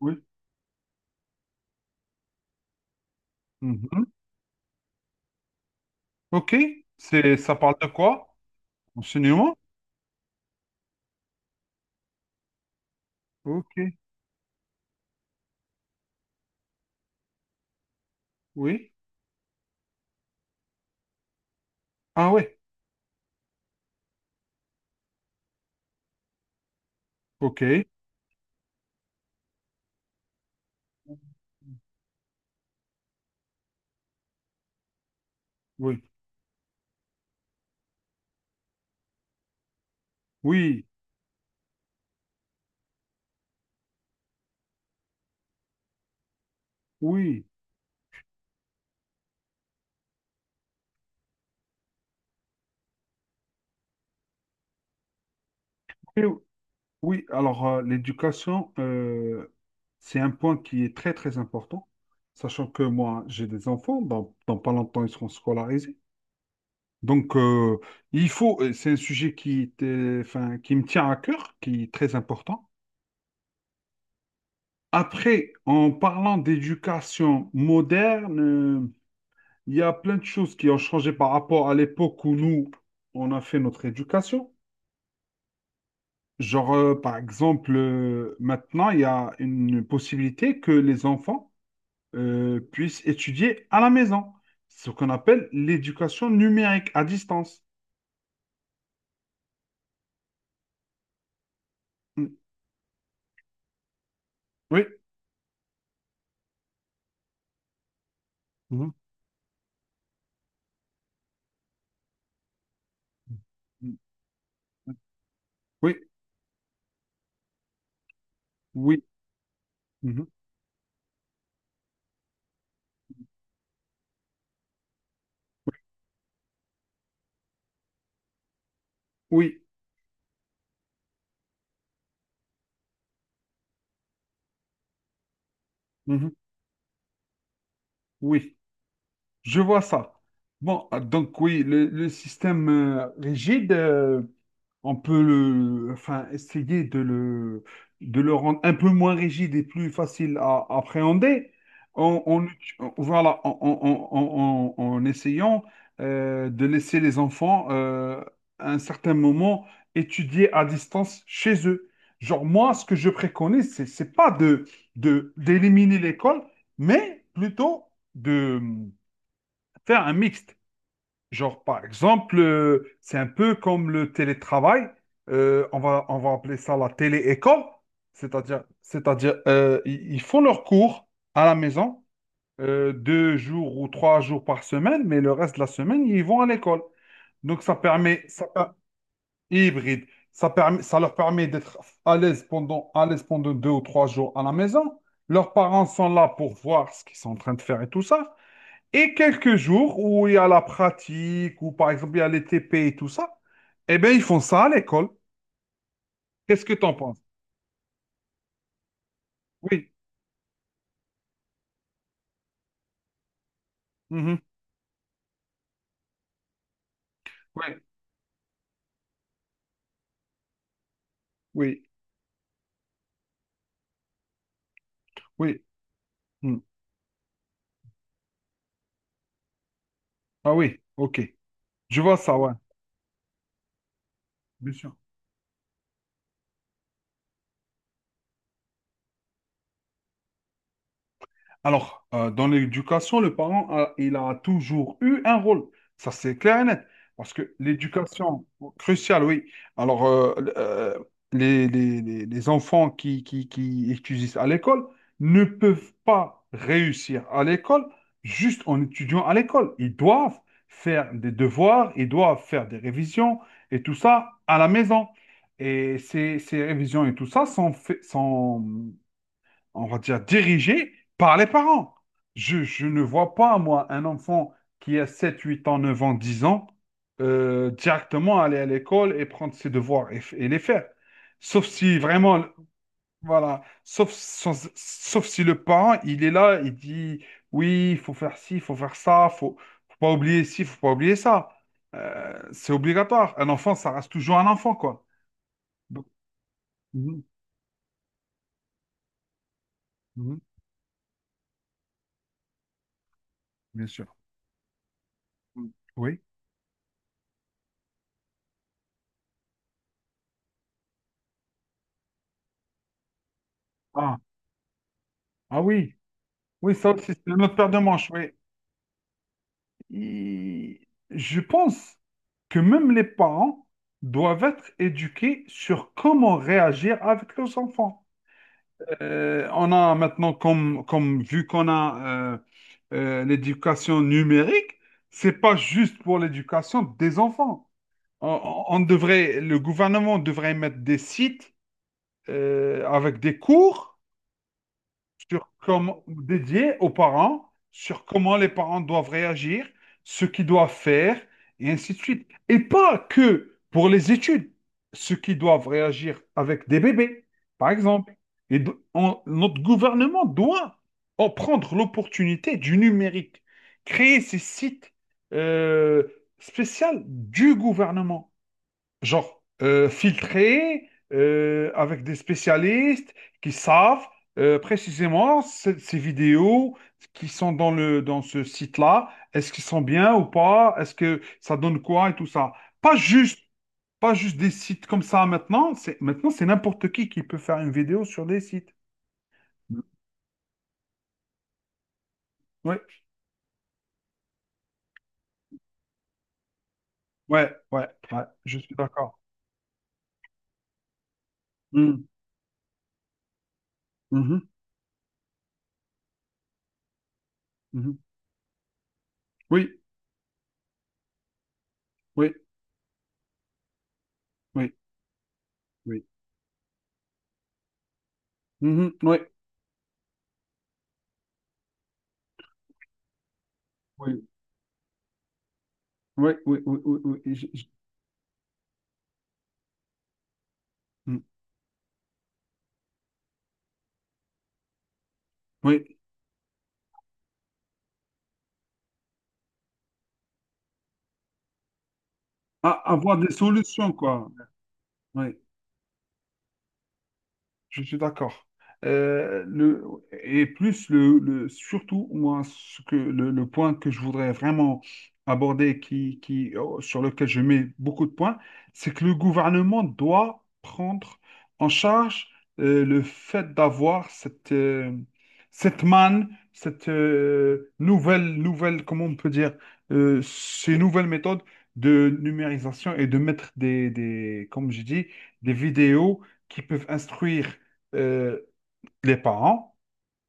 Oui. Mhm. OK. C'est, ça parle de quoi? Enseignement? OK. Oui. Ah ouais. OK. Oui. Oui. Oui. Oui. Oui. Alors, l'éducation, c'est un point qui est très, très important, sachant que moi, j'ai des enfants. Dans pas longtemps, ils seront scolarisés. Donc, c'est un sujet enfin, qui me tient à cœur, qui est très important. Après, en parlant d'éducation moderne, il y a plein de choses qui ont changé par rapport à l'époque où nous, on a fait notre éducation. Genre, par exemple, maintenant, il y a une possibilité que les enfants puissent étudier à la maison. C'est ce qu'on appelle l'éducation numérique à distance. Mm. Oui. Mhm. Mm. Oui, oui, mhm, oui, mhm, oui, je vois ça. Bon, donc oui, le système rigide. On peut le, enfin, essayer de le, rendre un peu moins rigide et plus facile à appréhender voilà, en essayant de laisser les enfants à un certain moment étudier à distance chez eux. Genre, moi, ce que je préconise, c'est pas d'éliminer l'école, mais plutôt de faire un mixte. Genre, par exemple, c'est un peu comme le télétravail. On va appeler ça la télé-école. C'est-à-dire, ils font leurs cours à la maison deux jours ou trois jours par semaine, mais le reste de la semaine, ils vont à l'école. Donc, ça permet, hybride, ça leur permet d'être à l'aise pendant deux ou trois jours à la maison. Leurs parents sont là pour voir ce qu'ils sont en train de faire et tout ça. Et quelques jours où il y a la pratique, ou par exemple il y a les TP et tout ça, eh bien ils font ça à l'école. Qu'est-ce que tu en penses? Oui. Mhm. Oui, oui, oui. Mm. Ah oui, ok. Je vois ça, ouais. Bien sûr. Alors, dans l'éducation, le parent, il a toujours eu un rôle. Ça, c'est clair et net. Parce que l'éducation, cruciale, oui. Alors, les enfants qui étudient à l'école ne peuvent pas réussir à l'école juste en étudiant à l'école. Ils doivent faire des devoirs, ils doivent faire des révisions et tout ça à la maison. Et ces révisions et tout ça sont, sont on va dire, dirigé par les parents. Je ne vois pas, moi, un enfant qui a 7 8 ans, 9 ans, 10 ans, directement aller à l'école et prendre ses devoirs et les faire. Sauf si vraiment, voilà, sauf si le parent, il est là, il dit, oui, il faut faire ci, il faut faire ça, faut pas oublier ci, faut pas oublier ça. C'est obligatoire. Un enfant, ça reste toujours un enfant, quoi. Donc, mhm, mhm, bien sûr. Oui. Ah, ah oui. Oui, ça aussi, c'est une autre paire de manches, oui. Et je pense que même les parents doivent être éduqués sur comment réagir avec leurs enfants. On a maintenant, comme vu qu'on a l'éducation numérique, c'est pas juste pour l'éducation des enfants. Le gouvernement devrait mettre des sites avec des cours sur comment dédié aux parents, sur comment les parents doivent réagir, ce qu'ils doivent faire, et ainsi de suite. Et pas que pour les études, ce qui doivent réagir avec des bébés, par exemple. Et notre gouvernement doit en prendre l'opportunité du numérique, créer ces sites euh, spéciaux du gouvernement. Genre, filtré, avec des spécialistes qui savent précisément ces vidéos qui sont dans ce site-là, est-ce qu'ils sont bien ou pas, est-ce que ça donne quoi et tout ça. Pas juste, pas juste des sites comme ça maintenant, maintenant c'est n'importe qui peut faire une vidéo sur des sites. Oui, ouais, ouais, ouais, ouais, je suis d'accord. Mm, mhm, mhm. Oui, oui, oui, oui. Mhm, oui, oui, oui, oui, oui, oui, oui, oui, mm. Oui. À avoir des solutions, quoi. Oui. Je suis d'accord. Euh, le, surtout moi ce que le point que je voudrais vraiment aborder qui, sur lequel je mets beaucoup de points, c'est que le gouvernement doit prendre en charge le fait d'avoir cette cette manne, cette nouvelle comment on peut dire ces nouvelles méthodes de numérisation et de mettre des comme j'ai dit des vidéos qui peuvent instruire euh, les parents,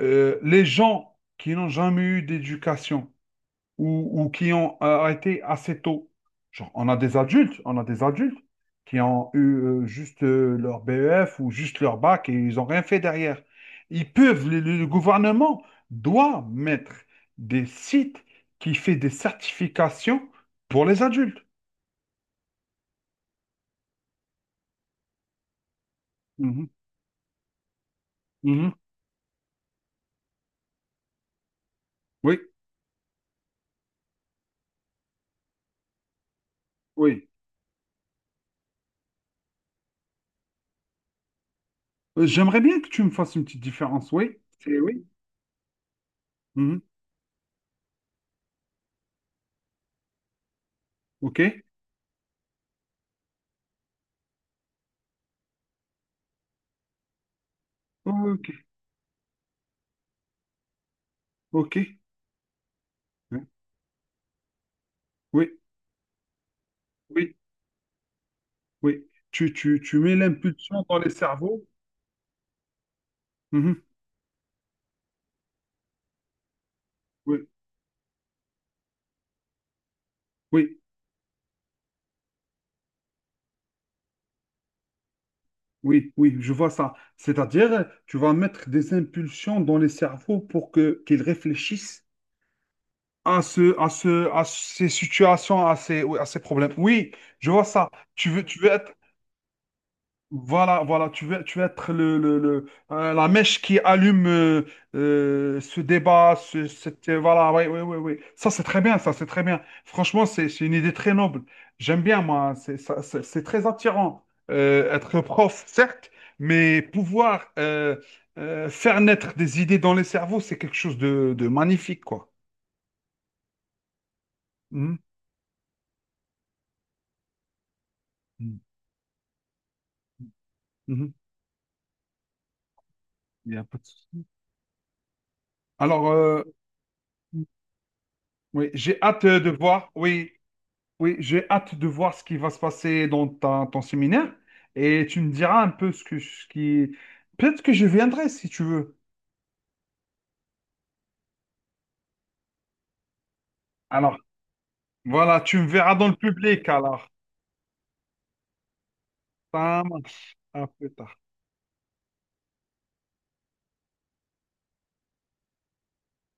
les gens qui n'ont jamais eu d'éducation ou qui ont arrêté assez tôt. Genre, on a des adultes qui ont eu juste leur BEF ou juste leur bac et ils n'ont rien fait derrière. Ils peuvent, le- Le gouvernement doit mettre des sites qui fait des certifications pour les adultes. Mhm, mhm. Oui, oui. J'aimerais bien que tu me fasses une petite différence, oui. C'est oui. Mhm. OK? Ok. Ok. Oui, oui, oui. Oui. Tu mets l'impulsion dans les cerveaux. Mhm. Oui, oui, oui, oui, je vois ça. C'est-à-dire, tu vas mettre des impulsions dans les cerveaux pour que qu'ils réfléchissent à ces situations, à ces, oui, à ces problèmes. Oui, je vois ça. Tu veux être Voilà, voilà, tu veux être la mèche qui allume ce débat, voilà, oui, oui, oui, oui. Ça, c'est très bien, ça, c'est très bien. Franchement, c'est une idée très noble. J'aime bien, moi, c'est très attirant. Être prof, certes, mais pouvoir faire naître des idées dans les cerveaux, c'est quelque chose de magnifique, quoi. Mhm. Mhm. Il y a pas de souci. Alors, oui, j'ai hâte de voir. Oui. Oui, j'ai hâte de voir ce qui va se passer dans ton séminaire et tu me diras un peu ce que ce qui. Peut-être que je viendrai si tu veux. Alors, voilà, tu me verras dans le public alors. Ça marche. À plus tard.